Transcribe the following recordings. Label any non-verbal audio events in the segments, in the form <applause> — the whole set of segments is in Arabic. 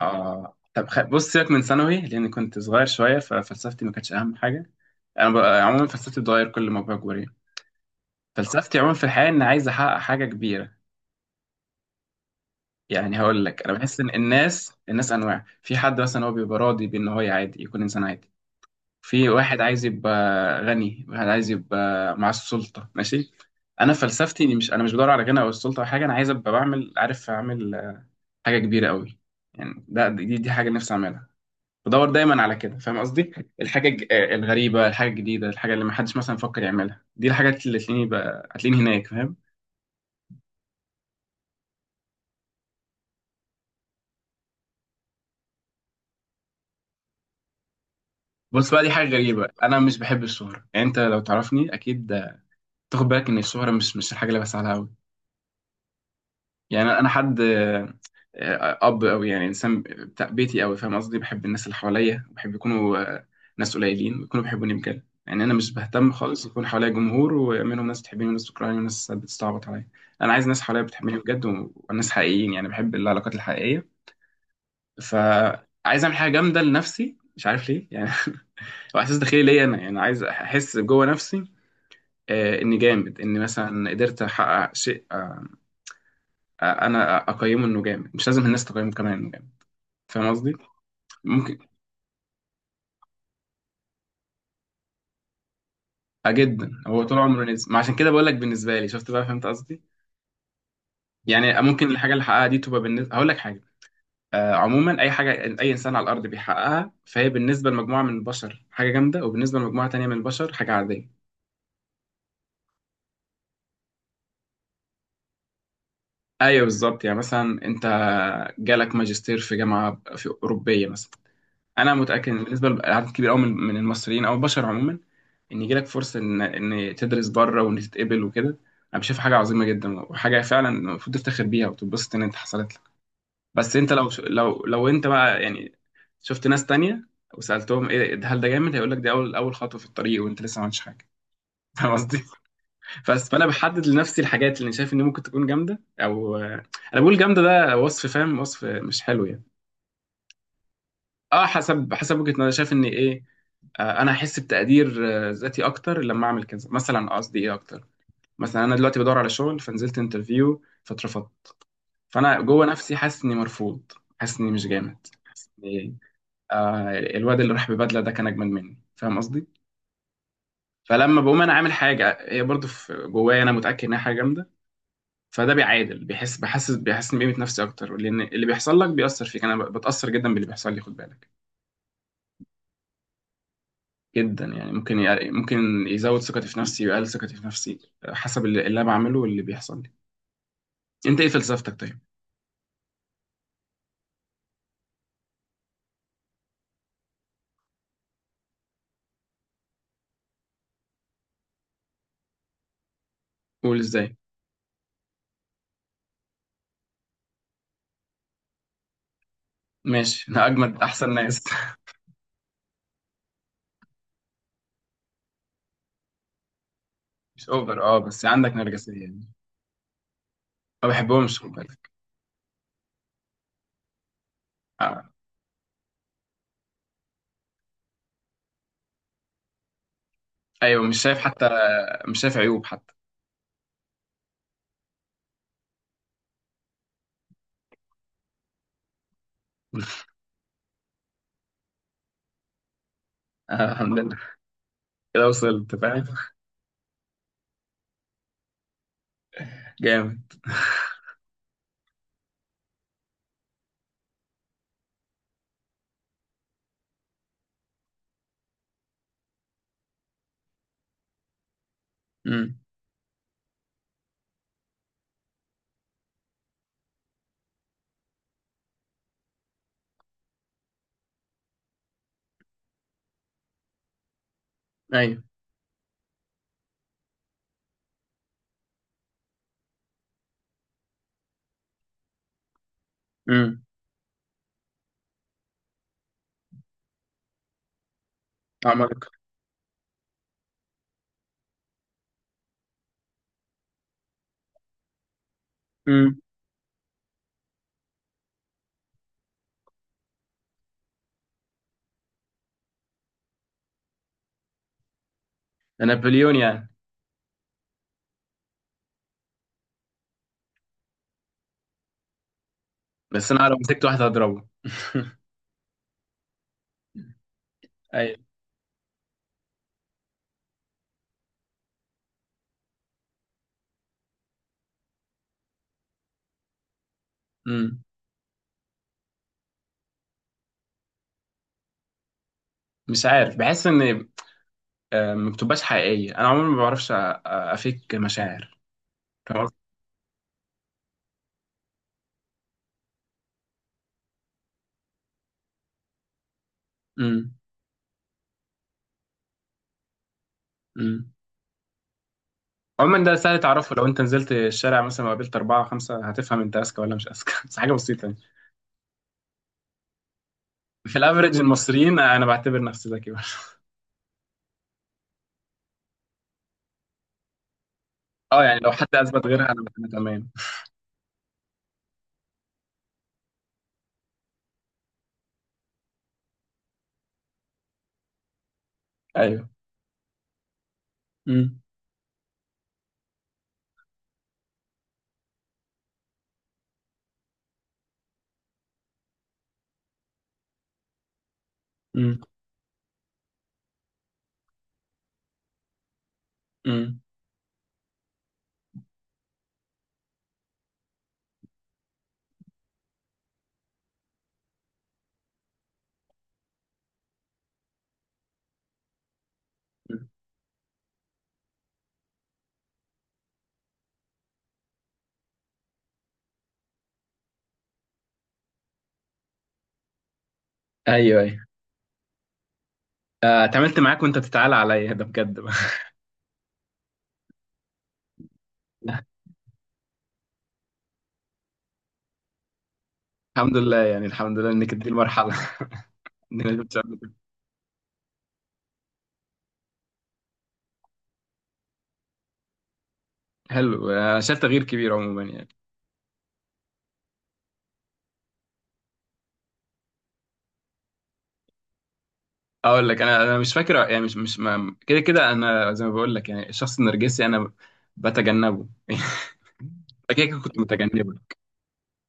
اه، طب، بص، سيبك من ثانوي لان كنت صغير شويه، ففلسفتي ما كانتش اهم حاجه. عموما فلسفتي بتتغير كل ما بكبر، يعني فلسفتي عموما في الحياه ان عايز احقق حاجه كبيره. يعني هقول لك، انا بحس ان الناس انواع. في حد مثلا هو بيبقى راضي بان هو عادي، يكون انسان عادي. في واحد عايز يبقى غني، واحد عايز يبقى مع السلطه، ماشي. انا فلسفتي اني مش بدور على غنى او السلطه او حاجه. انا عايز ابقى بعمل، عارف، اعمل حاجه كبيره قوي. يعني دي حاجه نفسي اعملها، بدور دايما على كده، فاهم قصدي. الحاجه الغريبه، الحاجه الجديده، الحاجه اللي ما حدش مثلا فكر يعملها، دي الحاجات اللي تلاقيني بقى هتلاقيني هناك، فاهم. بص بقى، دي حاجه غريبه. انا مش بحب الشهره. يعني انت لو تعرفني اكيد تاخد بالك ان الشهره مش الحاجه اللي بسعى لها قوي. يعني انا حد آه، آه، اب او يعني انسان بتاع بيتي قوي، فاهم قصدي. بحب الناس اللي حواليا، بحب يكونوا ناس قليلين ويكونوا بيحبوني بجد. يعني انا مش بهتم خالص يكون حواليا جمهور ومنهم ناس بتحبني وناس بتكرهني وناس بتستعبط عليا. انا عايز ناس حواليا بتحبني بجد، وناس حقيقيين، يعني بحب العلاقات الحقيقيه. فعايز اعمل حاجه جامده لنفسي، مش عارف ليه يعني. <laughs> هو احساس داخلي ليا انا، يعني عايز احس جوه نفسي اني جامد، اني مثلا قدرت احقق شيء، انا اقيمه انه جامد، مش لازم الناس تقيمه كمان، فاهم قصدي. ممكن. آه جدا، هو طول عمره نزل ما، عشان كده بقول لك، بالنسبه لي، شفت بقى؟ فهمت قصدي. يعني ممكن الحاجه اللي حققها دي تبقى بالنسبه، هقول لك حاجه، عموما اي حاجه، اي انسان على الارض بيحققها، فهي بالنسبه لمجموعه من البشر حاجه جامده، وبالنسبه لمجموعه تانية من البشر حاجه عاديه. ايوه، بالظبط. يعني مثلا انت جالك ماجستير في جامعه في اوروبيه مثلا، انا متاكد إن بالنسبه لعدد كبير قوي من المصريين او البشر عموما، ان يجي لك فرصه ان تدرس بره وان تتقبل وكده، انا بشوف حاجه عظيمه جدا، وحاجه فعلا المفروض تفتخر بيها وتتبسط ان انت حصلت لك. بس انت لو انت بقى يعني شفت ناس تانية وسالتهم ايه، هل ده جامد، هيقول لك دي اول خطوه في الطريق وانت لسه ما عملتش حاجه. <laughs> فاهم قصدي؟ بس فانا بحدد لنفسي الحاجات اللي أنا شايف ان ممكن تكون جامده. او انا بقول جامده، ده وصف، فاهم، وصف مش حلو يعني. اه، حسب وجهة نظري، أنا شايف ان ايه، انا هحس بتقدير ذاتي اكتر لما اعمل كذا مثلا، قصدي ايه اكتر، مثلا انا دلوقتي بدور على شغل، فنزلت انترفيو فاترفضت. فانا جوه نفسي حاسس اني مرفوض، حاسس اني مش جامد، حاسس اني إيه؟ الواد اللي راح ببدله ده كان اجمد مني، فاهم قصدي. فلما بقوم انا عامل حاجه هي برضو في جوايا انا متاكد انها حاجه جامده، فده بيعادل، بيحسسني بقيمه نفسي اكتر، لان اللي بيحصل لك بيأثر فيك. انا بتأثر جدا باللي بيحصل لي، خد بالك. جدا، يعني ممكن يزود ثقتي في نفسي ويقلل ثقتي في نفسي، حسب اللي انا بعمله واللي بيحصل لي. انت ايه فلسفتك طيب؟ قول ازاي. ماشي، انا اجمد، احسن ناس. <laughs> مش اوفر، اه، بس عندك نرجسية يعني. ما بحبهمش، خد بالك. آه. ايوه، مش شايف حتى، مش شايف عيوب حتى. <laughs> آه، الحمد لله، كده وصلت، فاهم. جامد. امم. ايوه. امم. عمرك. امم. ده نابليون يعني. بس انا لو مسكت واحد هضربه. <laughs> ايوه. امم. مش عارف، بحس ان ما بتبقاش حقيقية. أنا عموما ما بعرفش أفيك مشاعر، فاهم قصدي؟ أمم، أمم. عموما ده سهل تعرفه، لو أنت نزلت الشارع مثلا وقابلت أربعة خمسة هتفهم أنت أذكى ولا مش أذكى. <laughs> بس حاجة بسيطة يعني. في الأفريج المصريين أنا بعتبر نفسي ذكي برضه. <laughs> يعني لو حد أثبت غيرها، أنا تمام. أيوه. أمم، أمم، أمم، أمم. أيوه، أيوه. اتعاملت معاك وأنت بتتعالى عليا، ده بجد بقى. <laughs> الحمد لله يعني، الحمد لله إنك دي المرحلة. <laughs> إنك كنتش قبل كده. حلو، أنا شايف تغيير كبير عموما يعني. اقول لك، انا مش فاكر يعني، مش مش ما- كده كده انا زي ما بقول لك يعني، الشخص النرجسي انا بتجنبه. <laughs> كده كده كنت متجنبه.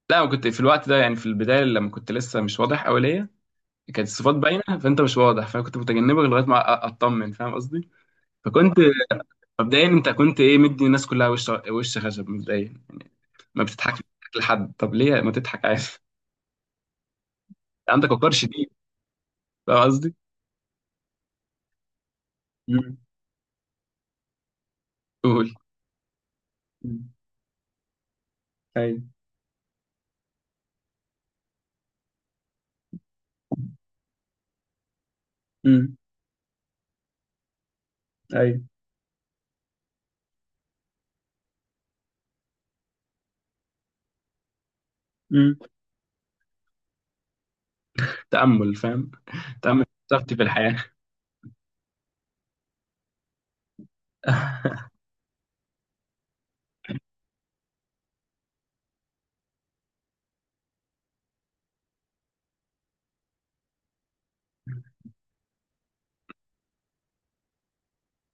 لا، انا كنت في الوقت ده يعني، في البدايه لما كنت لسه مش واضح قوي ليا، كانت الصفات باينه، فانت مش واضح، فانا كنت متجنبك لغايه ما اطمن، فاهم قصدي. فكنت مبدئيا، انت كنت ايه، مدي الناس كلها وش وش خشب مبدئيا، ما بتضحكش، بتضحك لحد، طب ليه ما تضحك عادي؟ <laughs> عندك وقار شديد، فاهم قصدي. مم. قول. مم. ايوه. مم. ايوه. مم. تأمل، فاهم، <laughs> تأمل، ثقتي في الحياة. <laughs>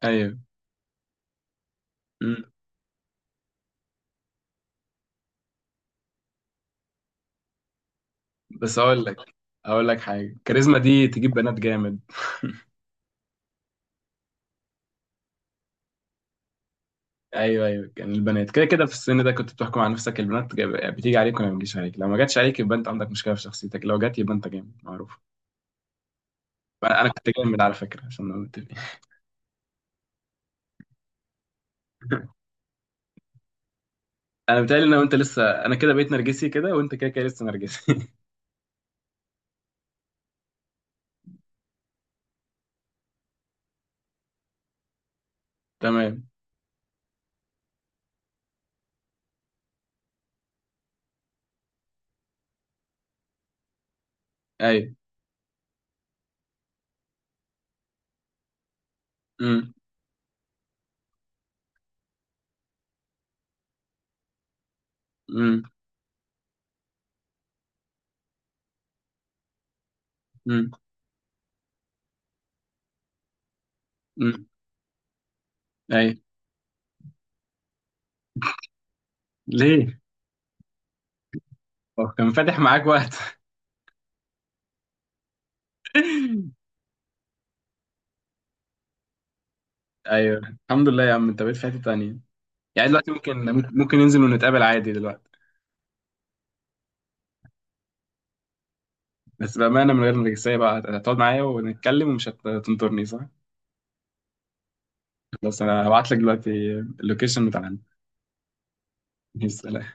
ايوه. مم. بس اقول لك حاجة، الكاريزما دي تجيب بنات جامد. ايوه، ايوه، كان البنات كده كده في السن ده كنت بتحكم على نفسك: البنات بتيجي عليك ولا ما بتجيش عليك. لو ما جاتش عليك، يبقى انت عندك مشكلة في شخصيتك، لو جات يبقى انت جامد معروف. انا كنت جامد على فكرة، عشان نبقى متفقين. <laughs> انا بتهيألي ان انت لسه، انا كده بقيت نرجسي كده، وانت كده كده لسه نرجسي. <laughs> تمام. اي. امم، امم، امم. اي، ليه؟ هو كان فاتح معاك وقت؟ <laughs> ايوه. الحمد لله يا عم، انت بقيت في حته تانيه. يعني دلوقتي ممكن ننزل ونتقابل عادي دلوقتي. بس بامانه من غير نرجسيه بقى، هتقعد معايا ونتكلم ومش هتنطرني صح؟ خلاص، انا هبعت لك دلوقتي اللوكيشن بتاعنا. يا سلام.